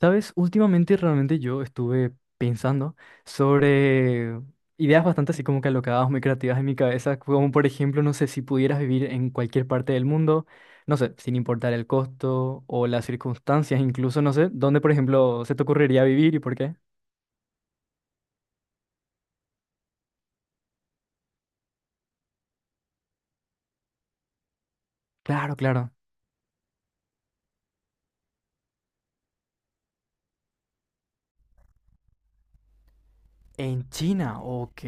Sabes, últimamente realmente yo estuve pensando sobre ideas bastante así como que alocadas, muy creativas en mi cabeza, como por ejemplo, no sé, si pudieras vivir en cualquier parte del mundo, no sé, sin importar el costo o las circunstancias, incluso, no sé, ¿dónde por ejemplo se te ocurriría vivir y por qué? Claro, claro. En China, ok.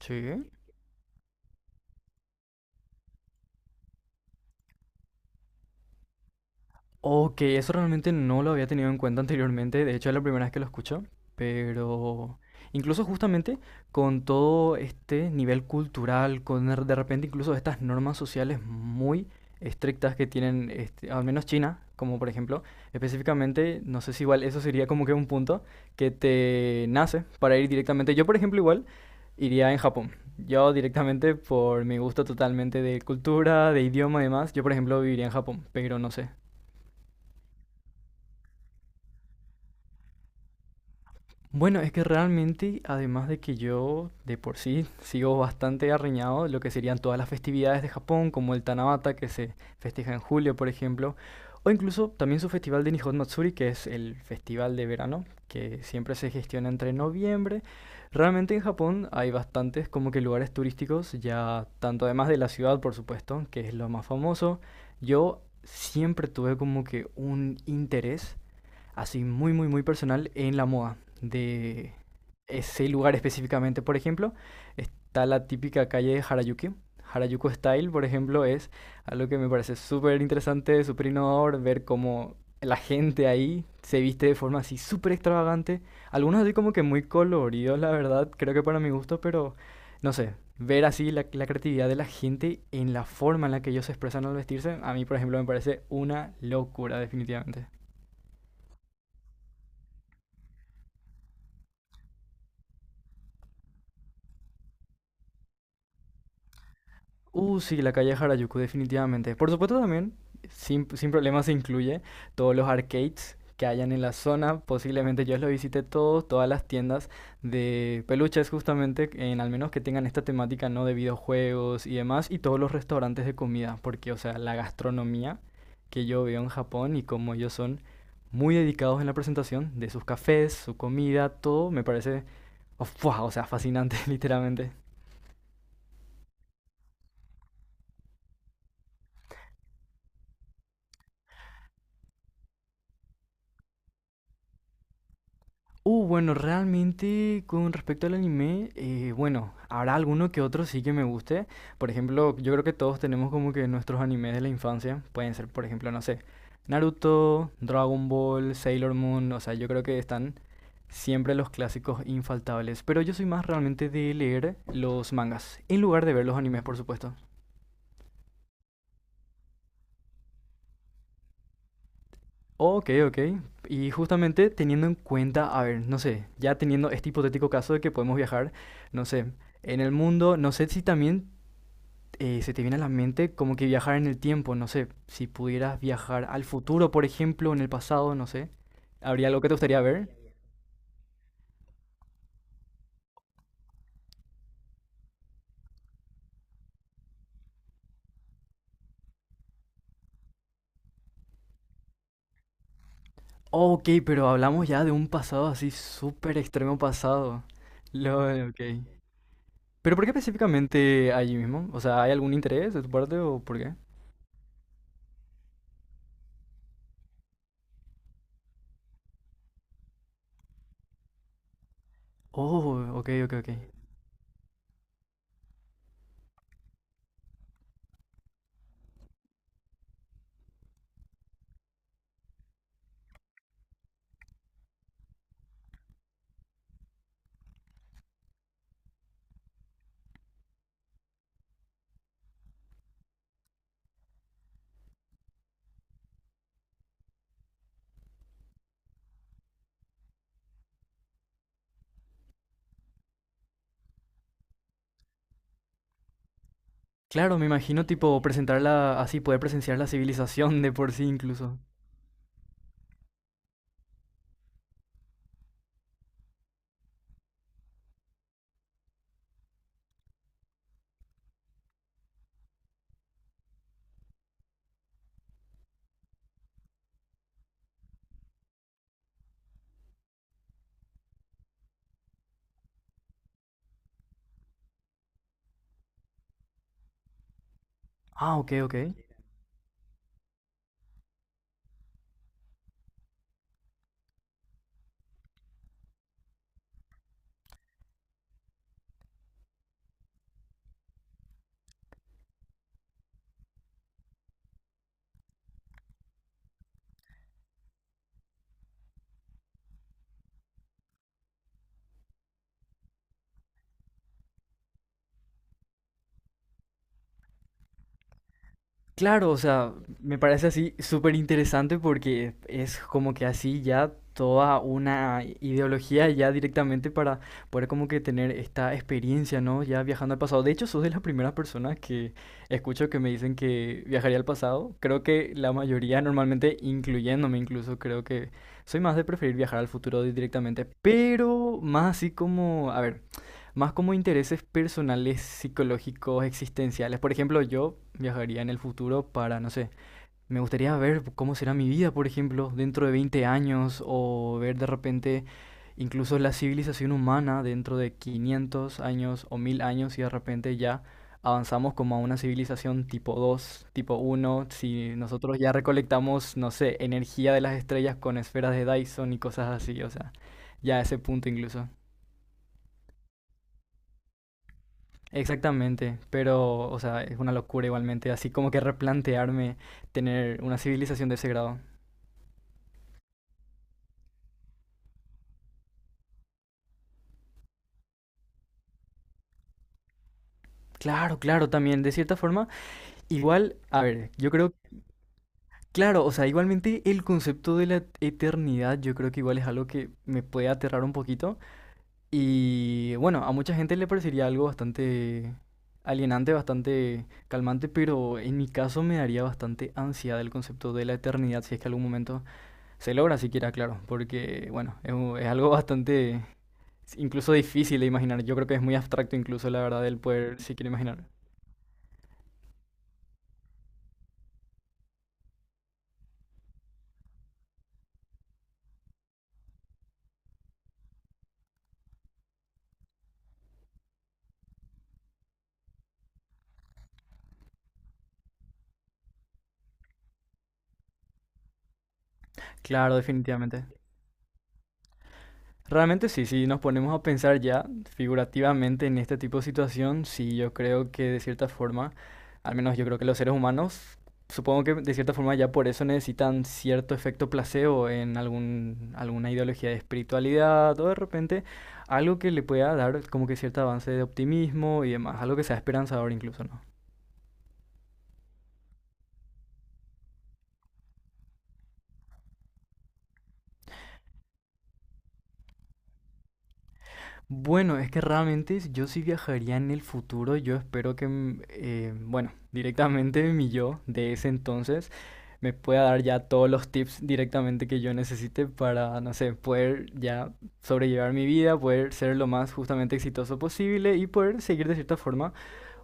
Sí. Ok, eso realmente no lo había tenido en cuenta anteriormente, de hecho es la primera vez que lo escucho, pero incluso justamente con todo este nivel cultural, con de repente incluso estas normas sociales muy estrictas que tienen, este, al menos China, como por ejemplo, específicamente, no sé si igual eso sería como que un punto que te nace para ir directamente. Yo por ejemplo igual iría en Japón. Yo directamente por mi gusto totalmente de cultura, de idioma y demás, yo por ejemplo viviría en Japón, pero no sé. Bueno, es que realmente, además de que yo de por sí sigo bastante arreñado de lo que serían todas las festividades de Japón, como el Tanabata, que se festeja en julio, por ejemplo, o incluso también su festival de Nihon Matsuri, que es el festival de verano, que siempre se gestiona entre noviembre. Realmente en Japón hay bastantes como que lugares turísticos, ya tanto además de la ciudad, por supuesto, que es lo más famoso. Yo siempre tuve como que un interés así muy, muy, muy personal en la moda de ese lugar específicamente. Por ejemplo, está la típica calle de Harajuku. Harajuku Style, por ejemplo, es algo que me parece súper interesante, súper innovador, ver cómo la gente ahí se viste de forma así súper extravagante. Algunos así como que muy coloridos, la verdad, creo que para mi gusto, pero no sé, ver así la creatividad de la gente en la forma en la que ellos se expresan al vestirse, a mí, por ejemplo, me parece una locura, definitivamente. Sí, la calle Harajuku, definitivamente. Por supuesto también, sin problema se incluye todos los arcades que hayan en la zona. Posiblemente yo los visité todos, todas las tiendas de peluches justamente, en al menos que tengan esta temática, ¿no? De videojuegos y demás, y todos los restaurantes de comida, porque, o sea, la gastronomía que yo veo en Japón y como ellos son muy dedicados en la presentación de sus cafés, su comida, todo, me parece, oh, ¡fua!, o sea, fascinante, literalmente. Bueno, realmente con respecto al anime, bueno, habrá alguno que otro sí que me guste. Por ejemplo, yo creo que todos tenemos como que nuestros animes de la infancia. Pueden ser, por ejemplo, no sé, Naruto, Dragon Ball, Sailor Moon. O sea, yo creo que están siempre los clásicos infaltables. Pero yo soy más realmente de leer los mangas, en lugar de ver los animes, por supuesto. Ok, ok. Y justamente teniendo en cuenta, a ver, no sé, ya teniendo este hipotético caso de que podemos viajar, no sé, en el mundo, no sé si también se te viene a la mente como que viajar en el tiempo, no sé, si pudieras viajar al futuro, por ejemplo, en el pasado, no sé, ¿habría algo que te gustaría ver? Ok, pero hablamos ya de un pasado así súper extremo pasado. Lo, ok. ¿Pero por qué específicamente allí mismo? O sea, ¿hay algún interés de tu parte o por qué? Oh, ok, ok, ok. Claro, me imagino tipo presentarla así, poder presenciar la civilización de por sí incluso. Ah, ok, ok. Claro, o sea, me parece así súper interesante porque es como que así ya toda una ideología ya directamente para poder como que tener esta experiencia, ¿no? Ya viajando al pasado. De hecho, sos de las primeras personas que escucho que me dicen que viajaría al pasado. Creo que la mayoría, normalmente incluyéndome incluso, creo que soy más de preferir viajar al futuro directamente, pero más así como, a ver, más como intereses personales, psicológicos, existenciales. Por ejemplo, yo viajaría en el futuro para, no sé, me gustaría ver cómo será mi vida, por ejemplo, dentro de 20 años o ver de repente incluso la civilización humana dentro de 500 años o 1000 años y de repente ya avanzamos como a una civilización tipo 2, tipo uno si nosotros ya recolectamos, no sé, energía de las estrellas con esferas de Dyson y cosas así, o sea, ya a ese punto incluso. Exactamente, pero, o sea, es una locura igualmente, así como que replantearme tener una civilización de ese grado. Claro, claro, también, de cierta forma, igual, a ver, yo creo, claro, o sea, igualmente el concepto de la eternidad, yo creo que igual es algo que me puede aterrar un poquito. Y bueno, a mucha gente le parecería algo bastante alienante, bastante calmante, pero en mi caso me daría bastante ansiedad el concepto de la eternidad si es que algún momento se logra siquiera, claro, porque bueno, es, es algo bastante incluso difícil de imaginar. Yo creo que es muy abstracto incluso, la verdad, el poder siquiera imaginar. Claro, definitivamente. Realmente sí, si nos ponemos a pensar ya figurativamente en este tipo de situación, sí, yo creo que de cierta forma, al menos yo creo que los seres humanos, supongo que de cierta forma ya por eso necesitan cierto efecto placebo en algún, alguna ideología de espiritualidad o de repente algo que le pueda dar como que cierto avance de optimismo y demás, algo que sea esperanzador incluso, ¿no? Bueno, es que realmente yo sí viajaría en el futuro. Yo espero que, bueno, directamente mi yo de ese entonces me pueda dar ya todos los tips directamente que yo necesite para, no sé, poder ya sobrellevar mi vida, poder ser lo más justamente exitoso posible y poder seguir de cierta forma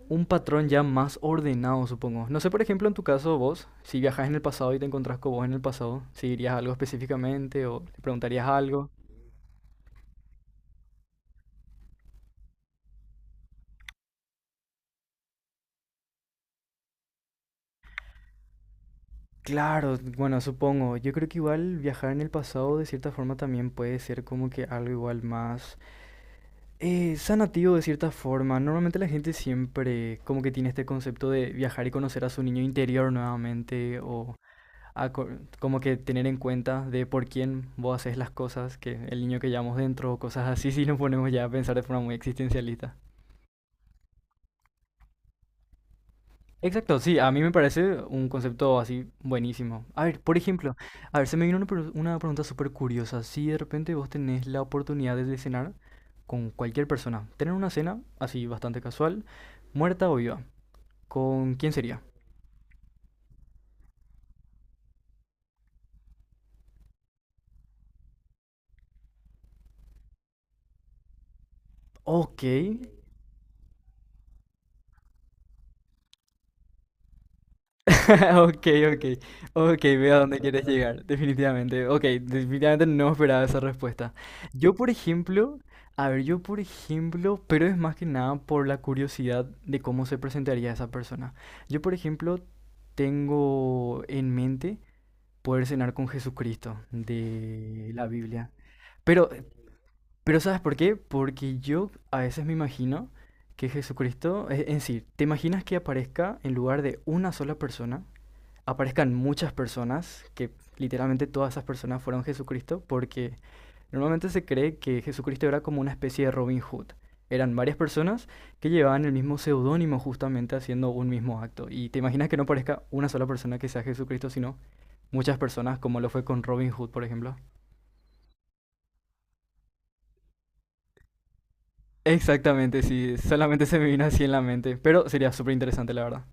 un patrón ya más ordenado, supongo. No sé, por ejemplo, en tu caso, vos, si viajas en el pasado y te encontrás con vos en el pasado, ¿seguirías algo específicamente o le preguntarías algo? Claro, bueno, supongo. Yo creo que igual viajar en el pasado de cierta forma también puede ser como que algo igual más sanativo de cierta forma. Normalmente la gente siempre como que tiene este concepto de viajar y conocer a su niño interior nuevamente o a co- como que tener en cuenta de por quién vos haces las cosas, que el niño que llevamos dentro o cosas así, si nos ponemos ya a pensar de forma muy existencialista. Exacto, sí, a mí me parece un concepto así buenísimo. A ver, por ejemplo, a ver, se me vino una, una pregunta súper curiosa. Si de repente vos tenés la oportunidad de cenar con cualquier persona, tener una cena así bastante casual, muerta o viva, ¿con quién sería? Ok, ok, ok, ok, veo a dónde quieres llegar, definitivamente. Ok, definitivamente no esperaba esa respuesta. Yo, por ejemplo, a ver, yo, por ejemplo, pero es más que nada por la curiosidad de cómo se presentaría esa persona. Yo, por ejemplo, tengo en mente poder cenar con Jesucristo de la Biblia. Pero, pero ¿sabes por qué? Porque yo a veces me imagino que Jesucristo, en sí, ¿te imaginas que aparezca en lugar de una sola persona? Aparezcan muchas personas, que literalmente todas esas personas fueron Jesucristo, porque normalmente se cree que Jesucristo era como una especie de Robin Hood. Eran varias personas que llevaban el mismo seudónimo justamente haciendo un mismo acto. Y te imaginas que no parezca una sola persona que sea Jesucristo, sino muchas personas, como lo fue con Robin Hood, por ejemplo. Exactamente, sí, solamente se me vino así en la mente, pero sería súper interesante, la verdad.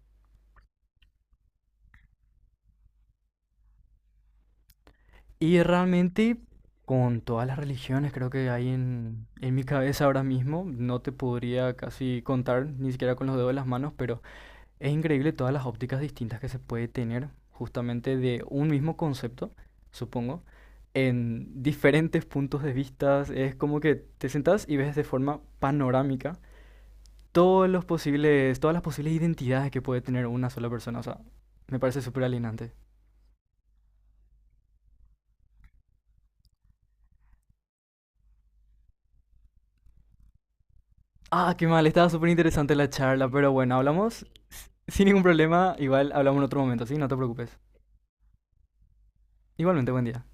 Y realmente con todas las religiones creo que hay en mi cabeza ahora mismo, no te podría casi contar, ni siquiera con los dedos de las manos, pero es increíble todas las ópticas distintas que se puede tener justamente de un mismo concepto, supongo, en diferentes puntos de vista. Es como que te sentás y ves de forma panorámica todos los posibles, todas las posibles identidades que puede tener una sola persona. O sea, me parece súper alienante. Ah, qué mal, estaba súper interesante la charla, pero bueno, hablamos sin ningún problema. Igual hablamos en otro momento, ¿sí? No te preocupes. Igualmente, buen día.